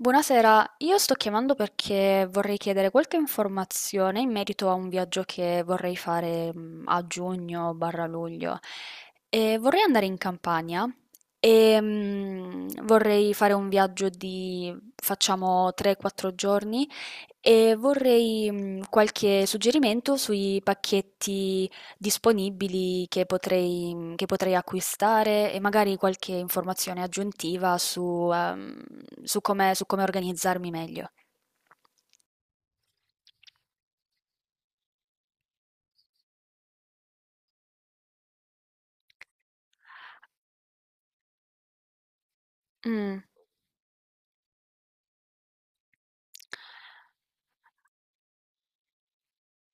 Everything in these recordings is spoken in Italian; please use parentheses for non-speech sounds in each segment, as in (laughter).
Buonasera, io sto chiamando perché vorrei chiedere qualche informazione in merito a un viaggio che vorrei fare a giugno barra luglio. E vorrei andare in Campania e vorrei fare un viaggio di facciamo 3-4 giorni e vorrei qualche suggerimento sui pacchetti disponibili che potrei acquistare e magari qualche informazione aggiuntiva su come organizzarmi meglio. Mm.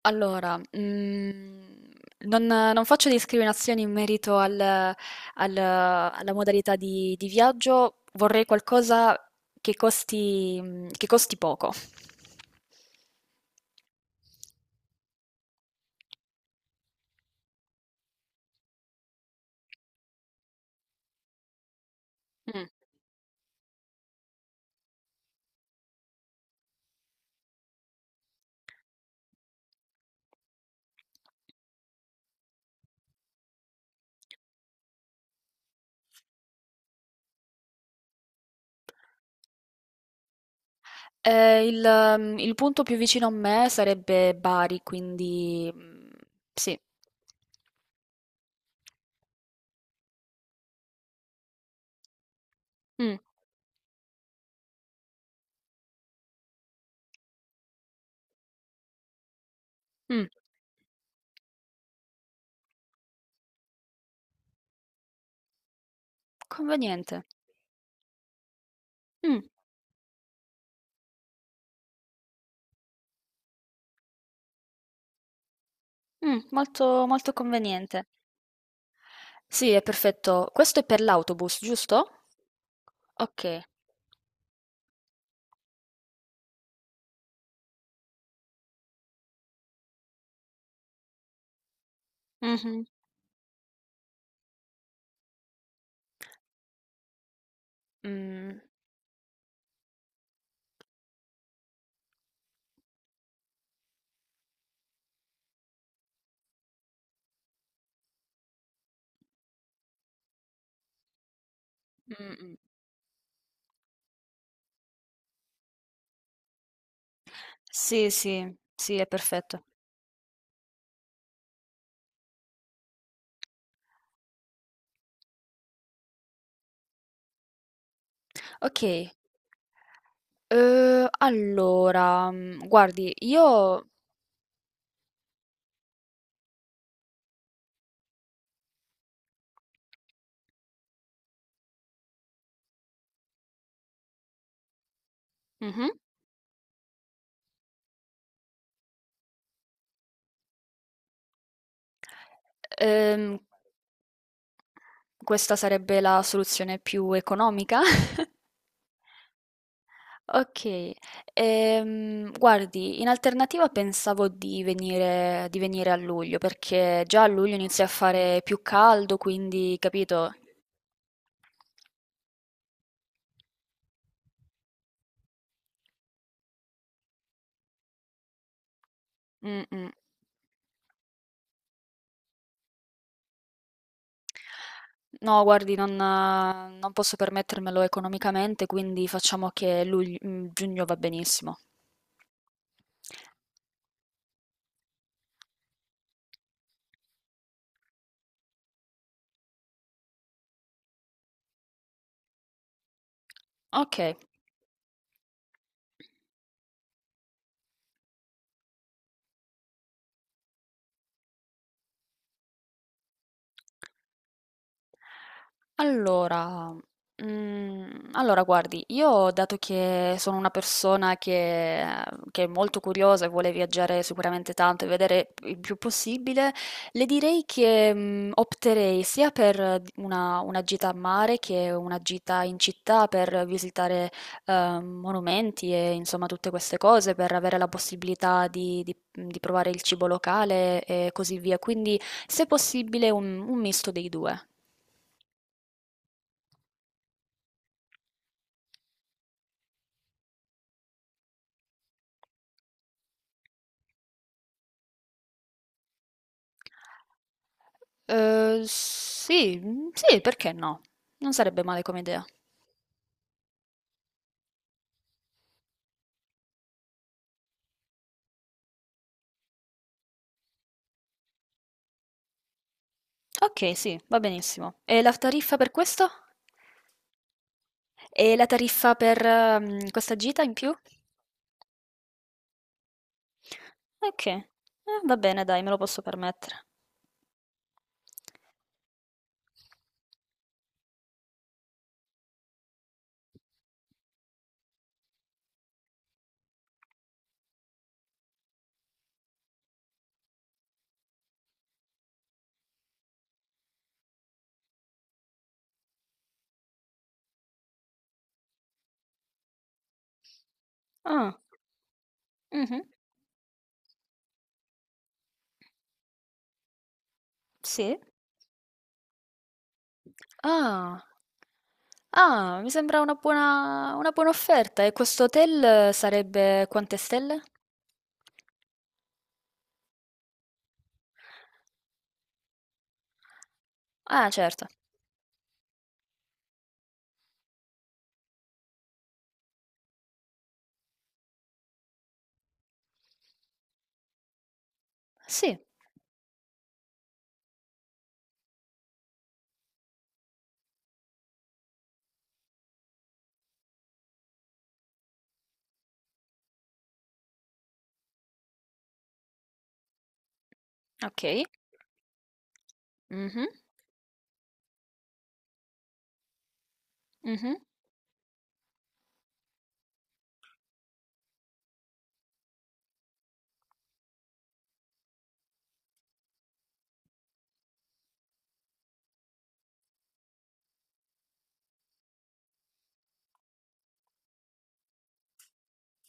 Allora, non faccio discriminazioni in merito al al alla modalità di viaggio, vorrei qualcosa che costi poco. Mh. Ehm, il il punto più vicino a me sarebbe Bari, quindi, sì. Mh, mh. Conveniente. Mh, molto molto conveniente. Sì, è perfetto. Questo è per l'autobus, giusto? Ok. Mhm. Mm, mm, mm. Sì, sì, sì, è perfetto. Ok, allora, guardi, io. Mhm. ehm, Questa sarebbe la soluzione più economica. (laughs) Ok, guardi, in alternativa pensavo di venire a luglio, perché già a luglio inizia a fare più caldo, quindi, capito? Mm, mm. No, guardi, non posso permettermelo economicamente, quindi facciamo che giugno va benissimo. Ok. Allora, allora, guardi, io dato che sono una persona che è molto curiosa e vuole viaggiare sicuramente tanto e vedere il più possibile, le direi che, opterei sia per d una gita a mare che una gita in città per visitare, monumenti e insomma tutte queste cose, per avere la possibilità di provare il cibo locale e così via. Quindi, se possibile un misto dei 2. Sì, sì, perché no? Non sarebbe male come idea. Ok, sì, va benissimo. E la tariffa per questo? E la tariffa per questa gita in più? Ok, eh, va bene, dai, me lo posso permettere. Ah, mhm, sì. Ah, ah, mi sembra una buona offerta. E questo hotel sarebbe quante stelle? Ah, certo. Sì. Ok. Mhm, mhm.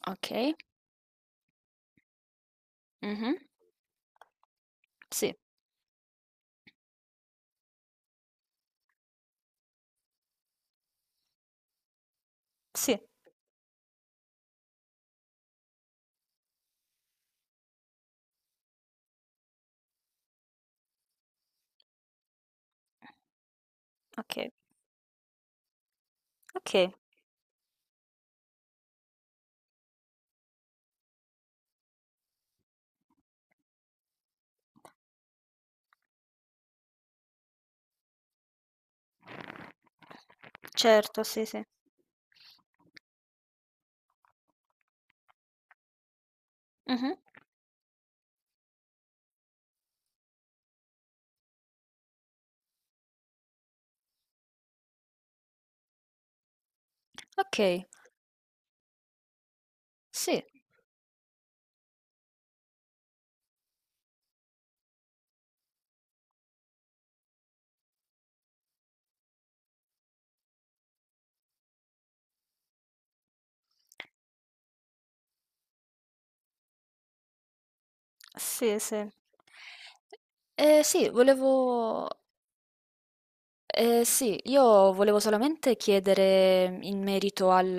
Ok. Mhm. Sì, sì, okay, okay. Certo, sì, sì. Mh-mh. Okay, sì, sì, sì. Sì, volevo sì, io volevo solamente chiedere in merito al,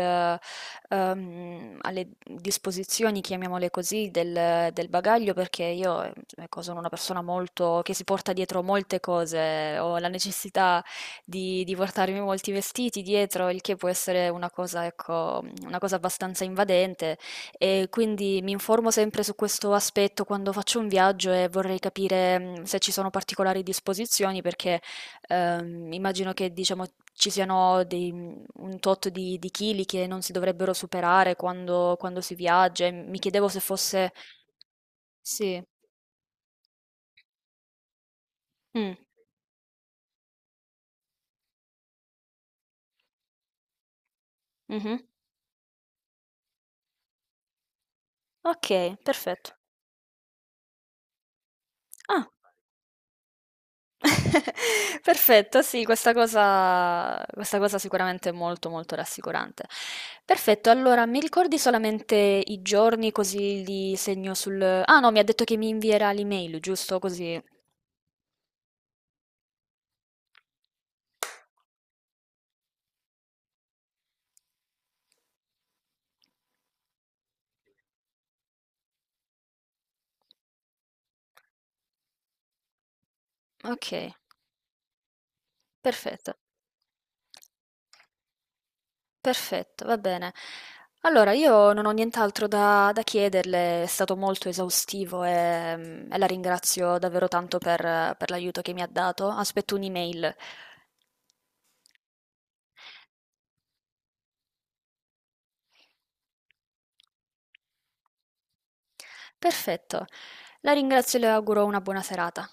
ehm, alle disposizioni, chiamiamole così, del bagaglio, perché io, ecco, sono una persona molto, che si porta dietro molte cose, ho la necessità di portarmi molti vestiti dietro, il che può essere una cosa, ecco, una cosa abbastanza invadente, e quindi mi informo sempre su questo aspetto quando faccio un viaggio e vorrei capire, se ci sono particolari disposizioni, perché. Immagino che diciamo, ci siano un tot di chili che non si dovrebbero superare quando si viaggia. E mi chiedevo se fosse. Sì. Mm, mhm. Ok, perfetto. Ah, (laughs) perfetto, sì, questa cosa, sicuramente è molto molto rassicurante. Perfetto, allora mi ricordi solamente i giorni così li segno sul. Ah, no, mi ha detto che mi invierà l'email, giusto? Così. Ok, perfetto. Perfetto, va bene. Allora, io non ho nient'altro da chiederle, è stato molto esaustivo e la ringrazio davvero tanto per l'aiuto che mi ha dato. Aspetto un'email. Perfetto, la ringrazio e le auguro una buona serata.